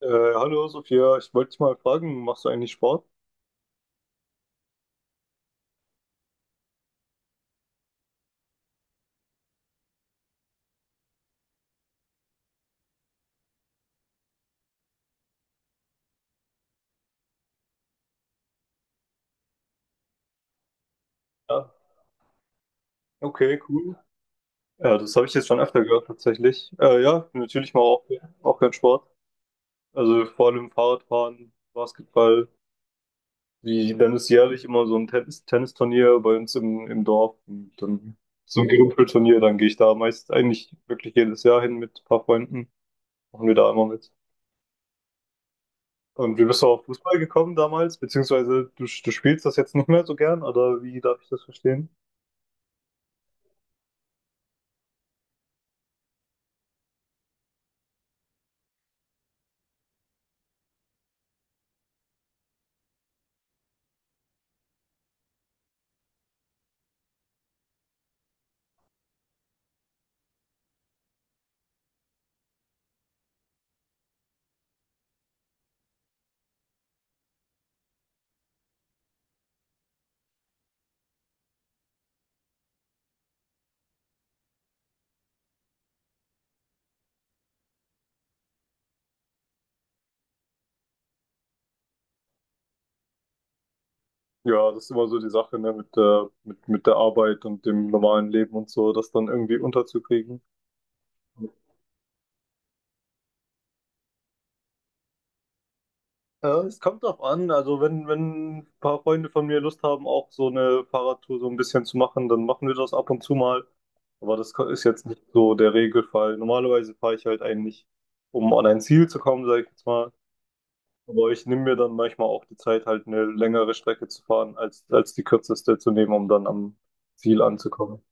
Äh, Hallo Sophia, ich wollte dich mal fragen, machst du eigentlich Sport? Ja, okay, cool. Ja, das habe ich jetzt schon öfter gehört tatsächlich. Ja, natürlich mal auch, auch gern Sport. Also vor allem Fahrradfahren, Basketball. Wie, dann ist jährlich immer so ein Tennisturnier bei uns im Dorf. Und dann so ein Gerümpelturnier, dann gehe ich da meist eigentlich wirklich jedes Jahr hin mit ein paar Freunden. Machen wir da immer mit. Und wie bist du auf Fußball gekommen damals? Beziehungsweise du spielst das jetzt nicht mehr so gern, oder wie darf ich das verstehen? Ja, das ist immer so die Sache, ne, mit der Arbeit und dem normalen Leben und so, das dann irgendwie unterzukriegen. Ja, es kommt drauf an. Also wenn ein paar Freunde von mir Lust haben, auch so eine Fahrradtour so ein bisschen zu machen, dann machen wir das ab und zu mal. Aber das ist jetzt nicht so der Regelfall. Normalerweise fahre ich halt eigentlich, um an ein Ziel zu kommen, sage ich jetzt mal. Aber ich nehme mir dann manchmal auch die Zeit, halt eine längere Strecke zu fahren, als die kürzeste zu nehmen, um dann am Ziel anzukommen.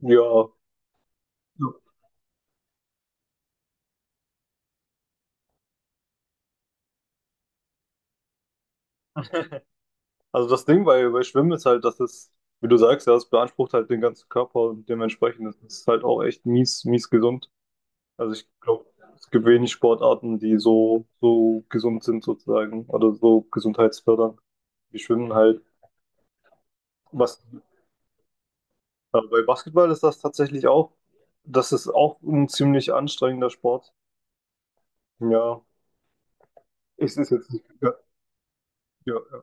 Ja, ja. Also das Ding bei Schwimmen ist halt, dass es, wie du sagst, ja, es beansprucht halt den ganzen Körper und dementsprechend ist es halt auch echt mies, mies gesund. Also ich glaube, es gibt wenig Sportarten, die so, so gesund sind sozusagen oder so gesundheitsfördernd wie Schwimmen halt. Was, bei Basketball ist das tatsächlich auch, das ist auch ein ziemlich anstrengender Sport. Ja, es ist jetzt nicht, ja, ja, ja.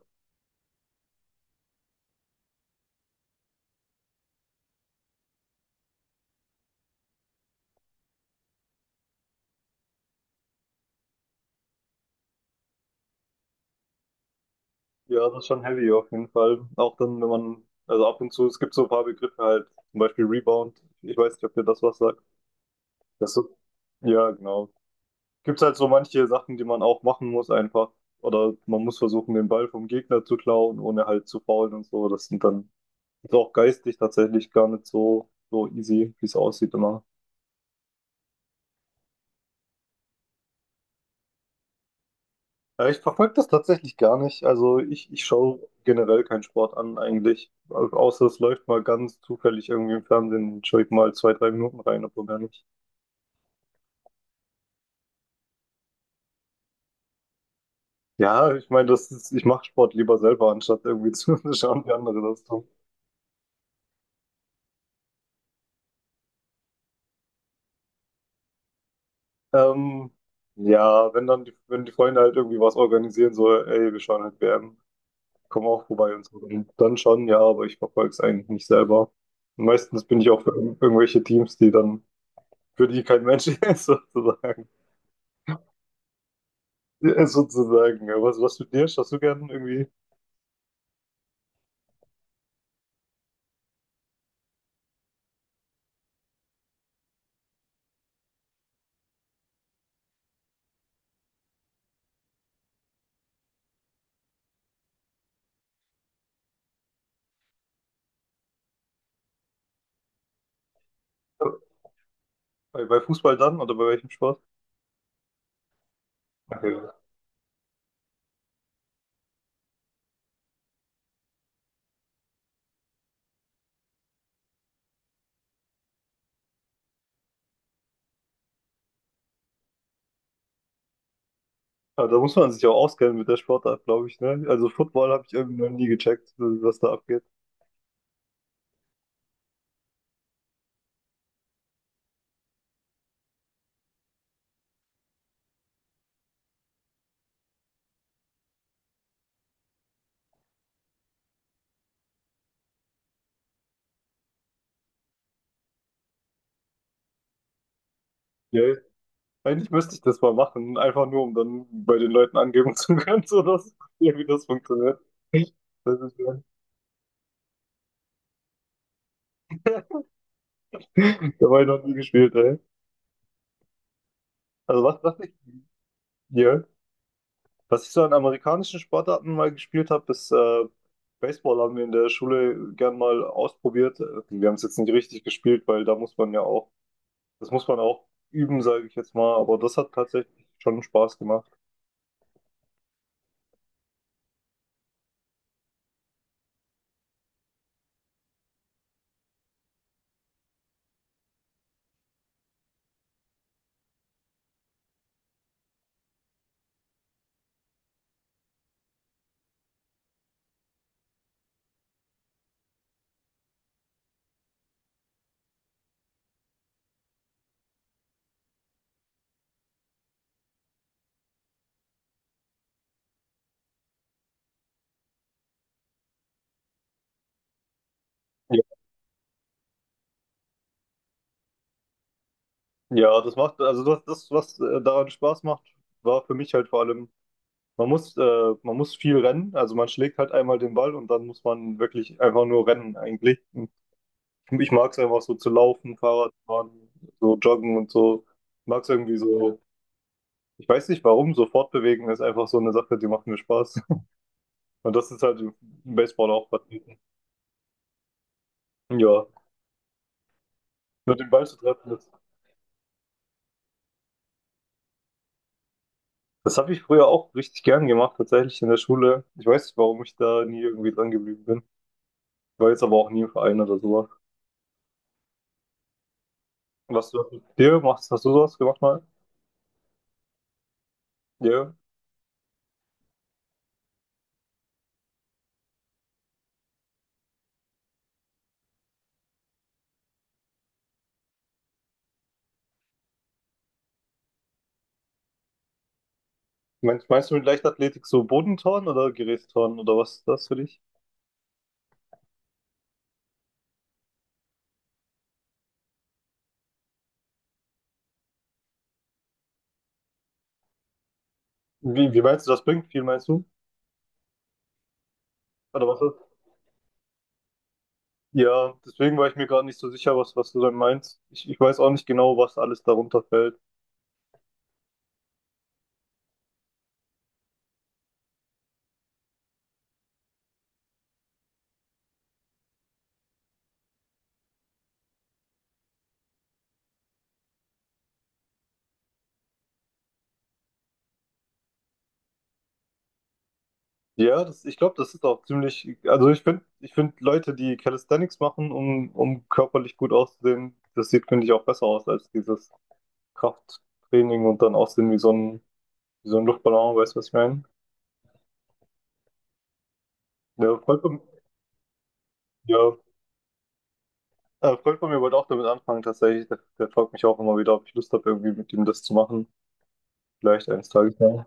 Ja, das ist schon heavy auf jeden Fall. Auch dann, wenn man, also ab und zu, es gibt so ein paar Begriffe halt, zum Beispiel Rebound. Ich weiß nicht, ob dir das was sagt. Das so, ja, genau. Gibt's halt so manche Sachen, die man auch machen muss einfach. Oder man muss versuchen, den Ball vom Gegner zu klauen, ohne halt zu foulen und so. Das sind dann ist auch geistig tatsächlich gar nicht so, so easy, wie es aussieht immer. Ich verfolge das tatsächlich gar nicht. Also ich schaue generell keinen Sport an eigentlich. Außer es läuft mal ganz zufällig irgendwie im Fernsehen, schaue ich mal zwei, drei Minuten rein, aber gar nicht. Ja, ich meine, das ist, ich mache Sport lieber selber, anstatt irgendwie zu schauen, wie andere das tun. Ähm, ja, wenn dann die, wenn die Freunde halt irgendwie was organisieren, so, ey, wir schauen halt WM, komm auch vorbei und so, dann, dann schon, ja, aber ich verfolge es eigentlich nicht selber. Und meistens bin ich auch für irgendwelche Teams, die dann, für die kein Mensch ist, sozusagen. Ja, sozusagen. Ja, was, was studierst du? Hast du gern irgendwie bei Fußball dann oder bei welchem Sport? Okay. Aber da muss man sich auch auskennen mit der Sportart, glaube ich, ne? Also Football habe ich irgendwie noch nie gecheckt, was da abgeht. Ja. Eigentlich müsste ich das mal machen, einfach nur, um dann bei den Leuten angeben zu können, so dass ja, wie das funktioniert. Das ist, ja, dabei noch nie gespielt, ey. Also was, was ich, ja. Was ich so an amerikanischen Sportarten mal gespielt habe, ist Baseball haben wir in der Schule gern mal ausprobiert. Wir haben es jetzt nicht richtig gespielt, weil da muss man ja auch, das muss man auch üben, sage ich jetzt mal. Aber das hat tatsächlich schon Spaß gemacht. Ja, ja, das macht, also das, das, was daran Spaß macht, war für mich halt vor allem, man muss viel rennen. Also man schlägt halt einmal den Ball und dann muss man wirklich einfach nur rennen eigentlich. Ich mag es einfach so zu laufen, Fahrrad fahren, so joggen und so. Ich mag es irgendwie so. Ich weiß nicht warum, so fortbewegen ist einfach so eine Sache, die macht mir Spaß. Und das ist halt im Baseball auch vertreten. Ja, nur den Ball zu treffen, das, das habe ich früher auch richtig gern gemacht, tatsächlich in der Schule. Ich weiß nicht, warum ich da nie irgendwie dran geblieben bin. Ich war jetzt aber auch nie im Verein oder sowas. Was du mit dir machst, hast du sowas gemacht mal? Ja. Meinst du mit Leichtathletik so Bodenturnen oder Gerätturnen oder was ist das für dich? Wie meinst du, das bringt viel, meinst du? Oder was ist. Ja, deswegen war ich mir gerade nicht so sicher, was du dann meinst. Ich weiß auch nicht genau, was alles darunter fällt. Ja, das, ich glaube, das ist auch ziemlich, also ich finde Leute, die Calisthenics machen, um körperlich gut auszusehen, das sieht, finde ich, auch besser aus als dieses Krafttraining und dann aussehen wie so ein Luftballon, weißt du, was ich meine? Ja, Freund von, ja, Freund von mir wollte auch damit anfangen, tatsächlich. Der fragt mich auch immer wieder, ob ich Lust habe, irgendwie mit ihm das zu machen. Vielleicht eines Tages, ja.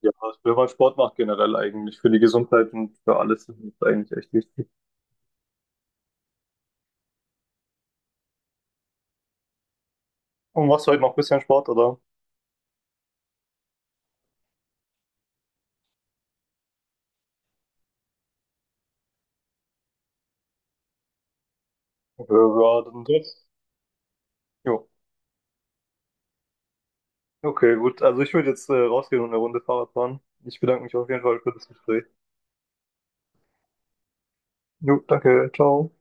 Ja, wenn man Sport macht generell eigentlich für die Gesundheit und für alles ist es eigentlich echt wichtig. Und machst du heute noch ein bisschen Sport, oder? Ja, ja, dann das. Jo. Okay, gut. Also ich würde jetzt rausgehen und eine Runde Fahrrad fahren. Ich bedanke mich auf jeden Fall für das Gespräch. Jo, danke. Ciao.